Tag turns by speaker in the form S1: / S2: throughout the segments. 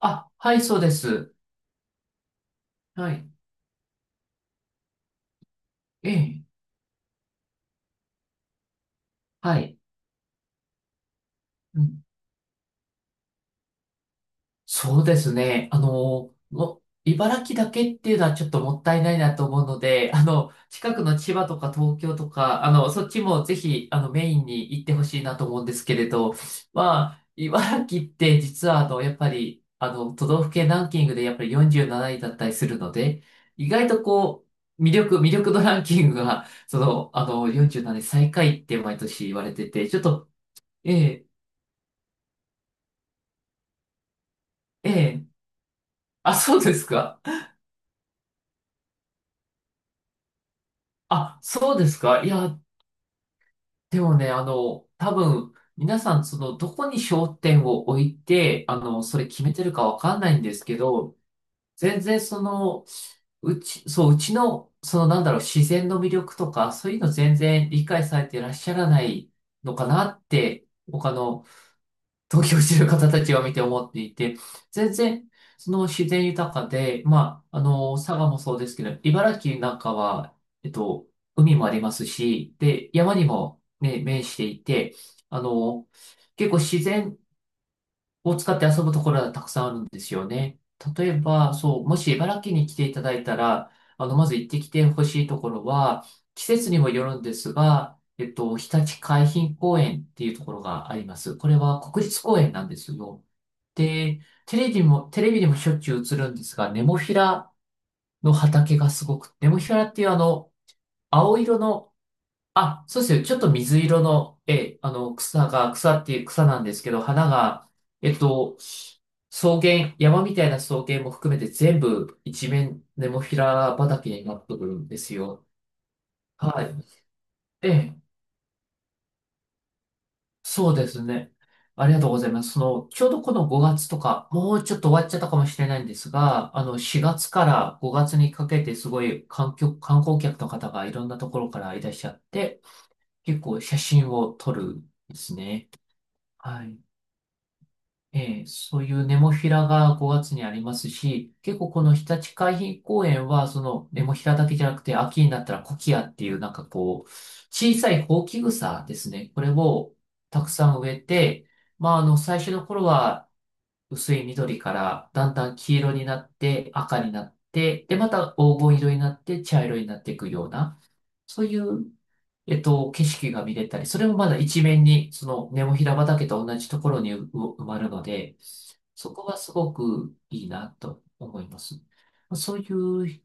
S1: そうです。はい。ええ、はい。うん、そうですね。茨城だけっていうのはちょっともったいないなと思うので、近くの千葉とか東京とか、そっちもぜひ、メインに行ってほしいなと思うんですけれど、茨城って実は、やっぱり、都道府県ランキングでやっぱり47位だったりするので、意外と魅力、魅力度ランキングが、47位最下位って毎年言われてて、ちょっとええ、ええ。あ、そうですかあ、そうですかいや、でもね、多分、皆さん、どこに焦点を置いて、それ決めてるかわかんないんですけど、全然その、うち、そう、うちの、自然の魅力とか、そういうの全然理解されていらっしゃらないのかなって、投票してる方たちを見て思っていて、全然、その自然豊かで、佐賀もそうですけど、茨城なんかは、えっと、海もありますし、で、山にもね、面していて、あの、結構自然を使って遊ぶところがたくさんあるんですよね。例えば、もし茨城に来ていただいたら、まず行ってきてほしいところは、季節にもよるんですが、日立海浜公園っていうところがあります。これは国立公園なんですよ。で、テレビにもしょっちゅう映るんですが、ネモフィラの畑がすごく、ネモフィラっていう青色のあ、そうですよ。ちょっと水色の、ええ、草が、草っていう草なんですけど、花が、えっと、草原、山みたいな草原も含めて全部一面ネモフィラ畑になってくるんですよ。はい。ええ、そうですね。ありがとうございます。ちょうどこの5月とか、もうちょっと終わっちゃったかもしれないんですが、4月から5月にかけてすごい観客、観光客の方がいろんなところからいらっしゃって、結構写真を撮るんですね。はい。そういうネモフィラが5月にありますし、結構この日立海浜公園は、そのネモフィラだけじゃなくて、秋になったらコキアっていう、小さいホウキグサですね。これをたくさん植えて、最初の頃は薄い緑からだんだん黄色になって赤になって、で、また黄金色になって茶色になっていくような、そういう景色が見れたり、それもまだ一面に、そのネモフィラ畑と同じところにう埋まるので、そこがすごくいいなと思います。そういう、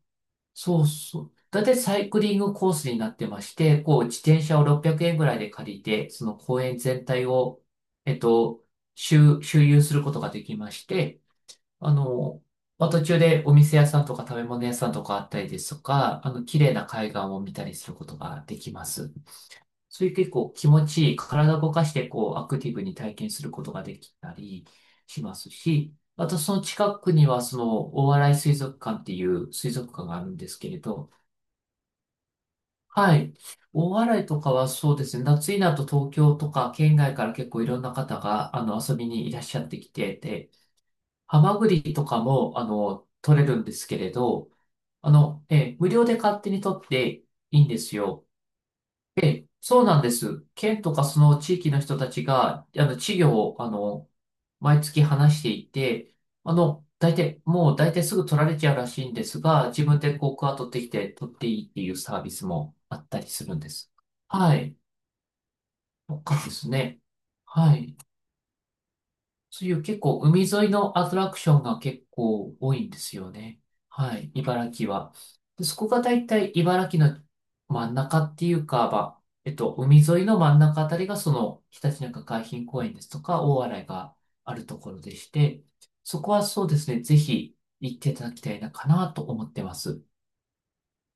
S1: そうそう。だいたいサイクリングコースになってまして、こう、自転車を600円ぐらいで借りて、その公園全体を、えっと、周遊することができまして、あの、途中でお店屋さんとか食べ物屋さんとかあったりですとか、綺麗な海岸を見たりすることができます。そういう結構気持ちいい、体を動かしてこうアクティブに体験することができたりしますし、あとその近くにはその大洗水族館っていう水族館があるんですけれど、はい。大洗とかはそうですね、夏になると東京とか県外から結構いろんな方が遊びにいらっしゃってきてて、ハマグリとかも取れるんですけれど、無料で勝手に取っていいんですよ。そうなんです。県とかその地域の人たちが、稚魚を、毎月話していて、大体すぐ取られちゃうらしいんですが、自分でこう、クワ取ってきて取っていいっていうサービスもあったりするんです。はい。とかですね。はい。そういう結構海沿いのアトラクションが結構多いんですよね。はい、茨城は。で、そこがだいたい茨城の真ん中っていうか、海沿いの真ん中あたりがそのひたちなか海浜公園ですとか大洗があるところでして、そこはそうですね、ぜひ行っていただきたいかなと思ってます。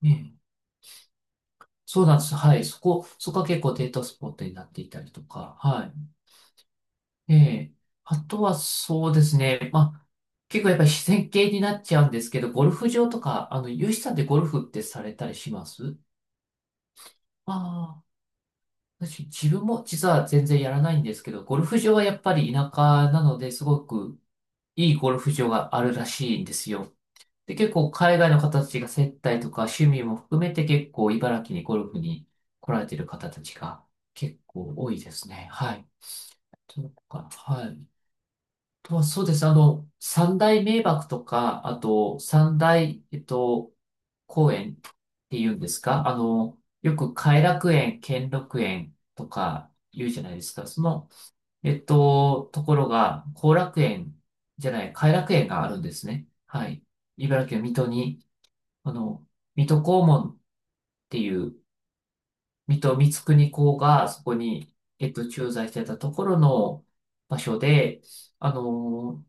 S1: ね、そうなんです。はい、そこは結構デートスポットになっていたりとか、はい。ええ。あとはそうですね。結構やっぱり自然系になっちゃうんですけど、ゴルフ場とか、ユシさんでゴルフってされたりしますああ、自分も実は全然やらないんですけど、ゴルフ場はやっぱり田舎なのですごくいいゴルフ場があるらしいんですよ。で、結構海外の方たちが接待とか趣味も含めて結構茨城にゴルフに来られてる方たちが結構多いですね。はい。そうか、はい。とはそうです。三大名瀑とか、あと三大、公園っていうんですかあの、よく偕楽園、兼六園とか言うじゃないですか。ところが、後楽園じゃない、偕楽園があるんですね。はい。茨城県水戸に、あの、水戸黄門っていう水戸光圀公がそこに、駐在してたところの場所で、あの、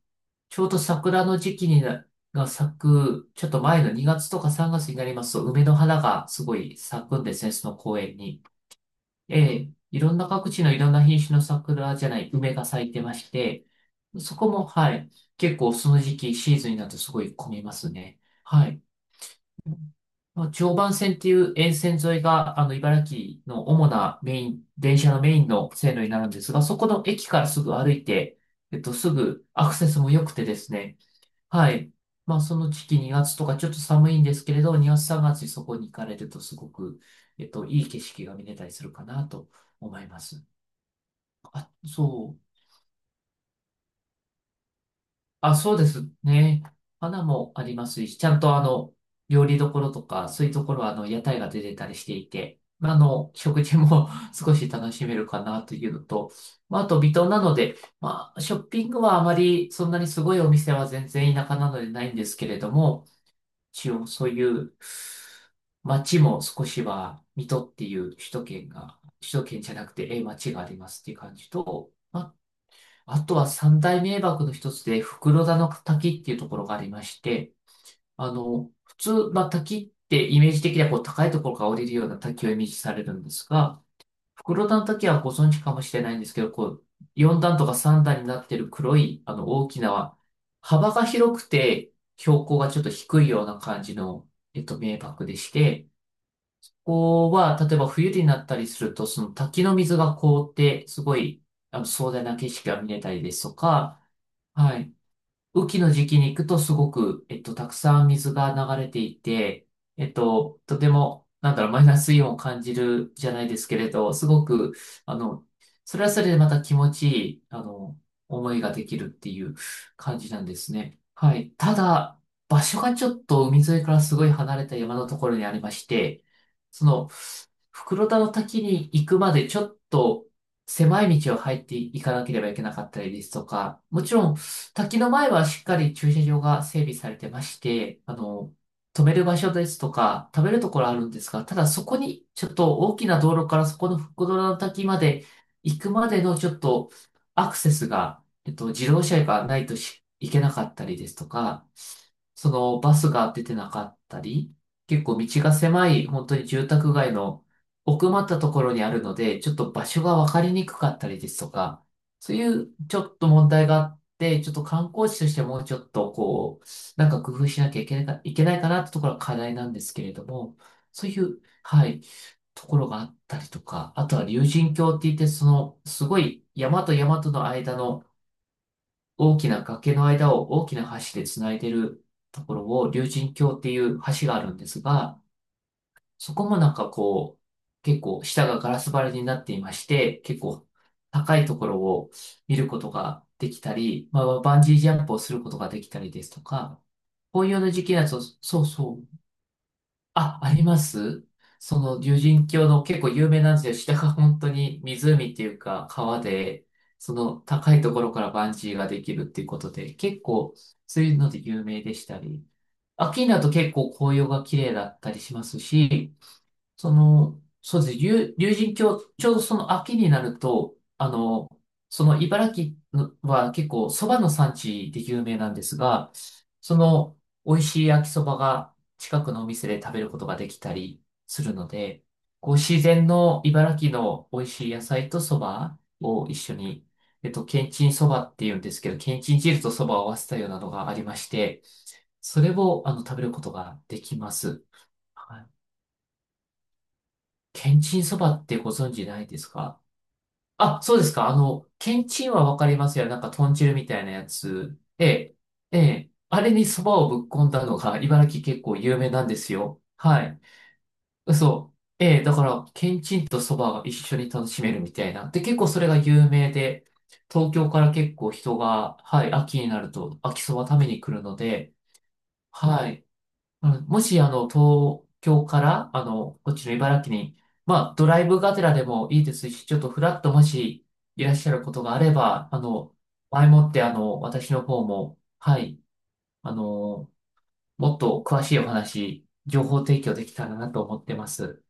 S1: ちょうど桜の時期にな、が咲く、ちょっと前の2月とか3月になりますと、梅の花がすごい咲くんですね、その公園に。ええ、いろんな各地のいろんな品種の桜じゃない、梅が咲いてまして、そこも、はい、結構その時期、シーズンになるとすごい混みますね。はい。まあ、常磐線っていう沿線沿いが、茨城の主なメイン、電車のメインの線路になるんですが、そこの駅からすぐ歩いて、すぐアクセスも良くてですね。はい。まあ、その時期2月とかちょっと寒いんですけれど、2月3月にそこに行かれるとすごく、いい景色が見れたりするかなと思います。あ、そう。あ、そうですね。花もありますし、ちゃんと料理どころとか、そういうところは屋台が出てたりしていて、食事も 少し楽しめるかなというのと、あと微糖なので、ショッピングはあまりそんなにすごいお店は全然田舎なのでないんですけれども、一応そういう街も少しは、水戸っていう首都圏が、首都圏じゃなくて、え、街がありますっていう感じと、あとは三大名瀑の一つで、袋田の滝っていうところがありまして、普通、滝ってイメージ的にはこう高いところから降りるような滝をイメージされるんですが、袋田の滝はご存知かもしれないんですけど、こう、4段とか3段になってる黒い、大きな、幅が広くて、標高がちょっと低いような感じの、名瀑でして、ここは、例えば冬になったりすると、その滝の水が凍って、すごい、壮大な景色が見れたりですとか、はい。雨季の時期に行くとすごく、たくさん水が流れていて、とても、なんだろう、マイナスイオンを感じるじゃないですけれど、すごく、あの、それはそれでまた気持ちいい、思いができるっていう感じなんですね。はい。ただ、場所がちょっと海沿いからすごい離れた山のところにありまして、その、袋田の滝に行くまでちょっと狭い道を入っていかなければいけなかったりですとか、もちろん滝の前はしっかり駐車場が整備されてまして、止める場所ですとか、食べるところあるんですが、ただそこに、ちょっと大きな道路からそこの復ドラの滝まで行くまでのちょっとアクセスが、自動車がないとし行けなかったりですとか、そのバスが出てなかったり、結構道が狭い、本当に住宅街の奥まったところにあるので、ちょっと場所が分かりにくかったりですとか、そういうちょっと問題があっで、ちょっと観光地としてもうちょっとこう、なんか工夫しなきゃいけないか、いけないかなってところが課題なんですけれども、そういう、はい、ところがあったりとか、あとは竜神峡って言って、その、すごい山と山との間の大きな崖の間を大きな橋でつないでるところを竜神峡っていう橋があるんですが、そこもなんかこう、結構下がガラス張りになっていまして、結構高いところを見ることができたり、バンジージャンプをすることができたりですとか、紅葉の時期だと、そうそう、あ、ありますその竜神峡の結構有名なんですよ。下が本当に湖っていうか川で、その高いところからバンジーができるっていうことで、結構そういうので有名でしたり、秋になると結構紅葉が綺麗だったりしますし、その、そうですね、竜神峡、ちょうどその秋になると、その茨城のは結構蕎麦の産地で有名なんですが、その美味しい焼きそばが近くのお店で食べることができたりするので、こう自然の茨城の美味しい野菜と蕎麦を一緒に、けんちん蕎麦って言うんですけど、けんちん汁と蕎麦を合わせたようなのがありまして、それを食べることができます。はい。天津そばってご存知ないですか？あ、そうですか。けんちんはわかりますよ。なんか豚汁みたいなやつ。ええ、ええ。あれにそばをぶっ込んだのが茨城結構有名なんですよ。はい。嘘。ええ、だから、けんちんとそばが一緒に楽しめるみたいな。で、結構それが有名で、東京から結構人が、はい、秋になると秋そば食べに来るので、はい、もし、東京から、こっちの茨城に、ドライブがてらでもいいですし、ちょっとフラッともしいらっしゃることがあれば、前もって、私の方も、はい、あの、もっと詳しいお話、情報提供できたらなと思ってます。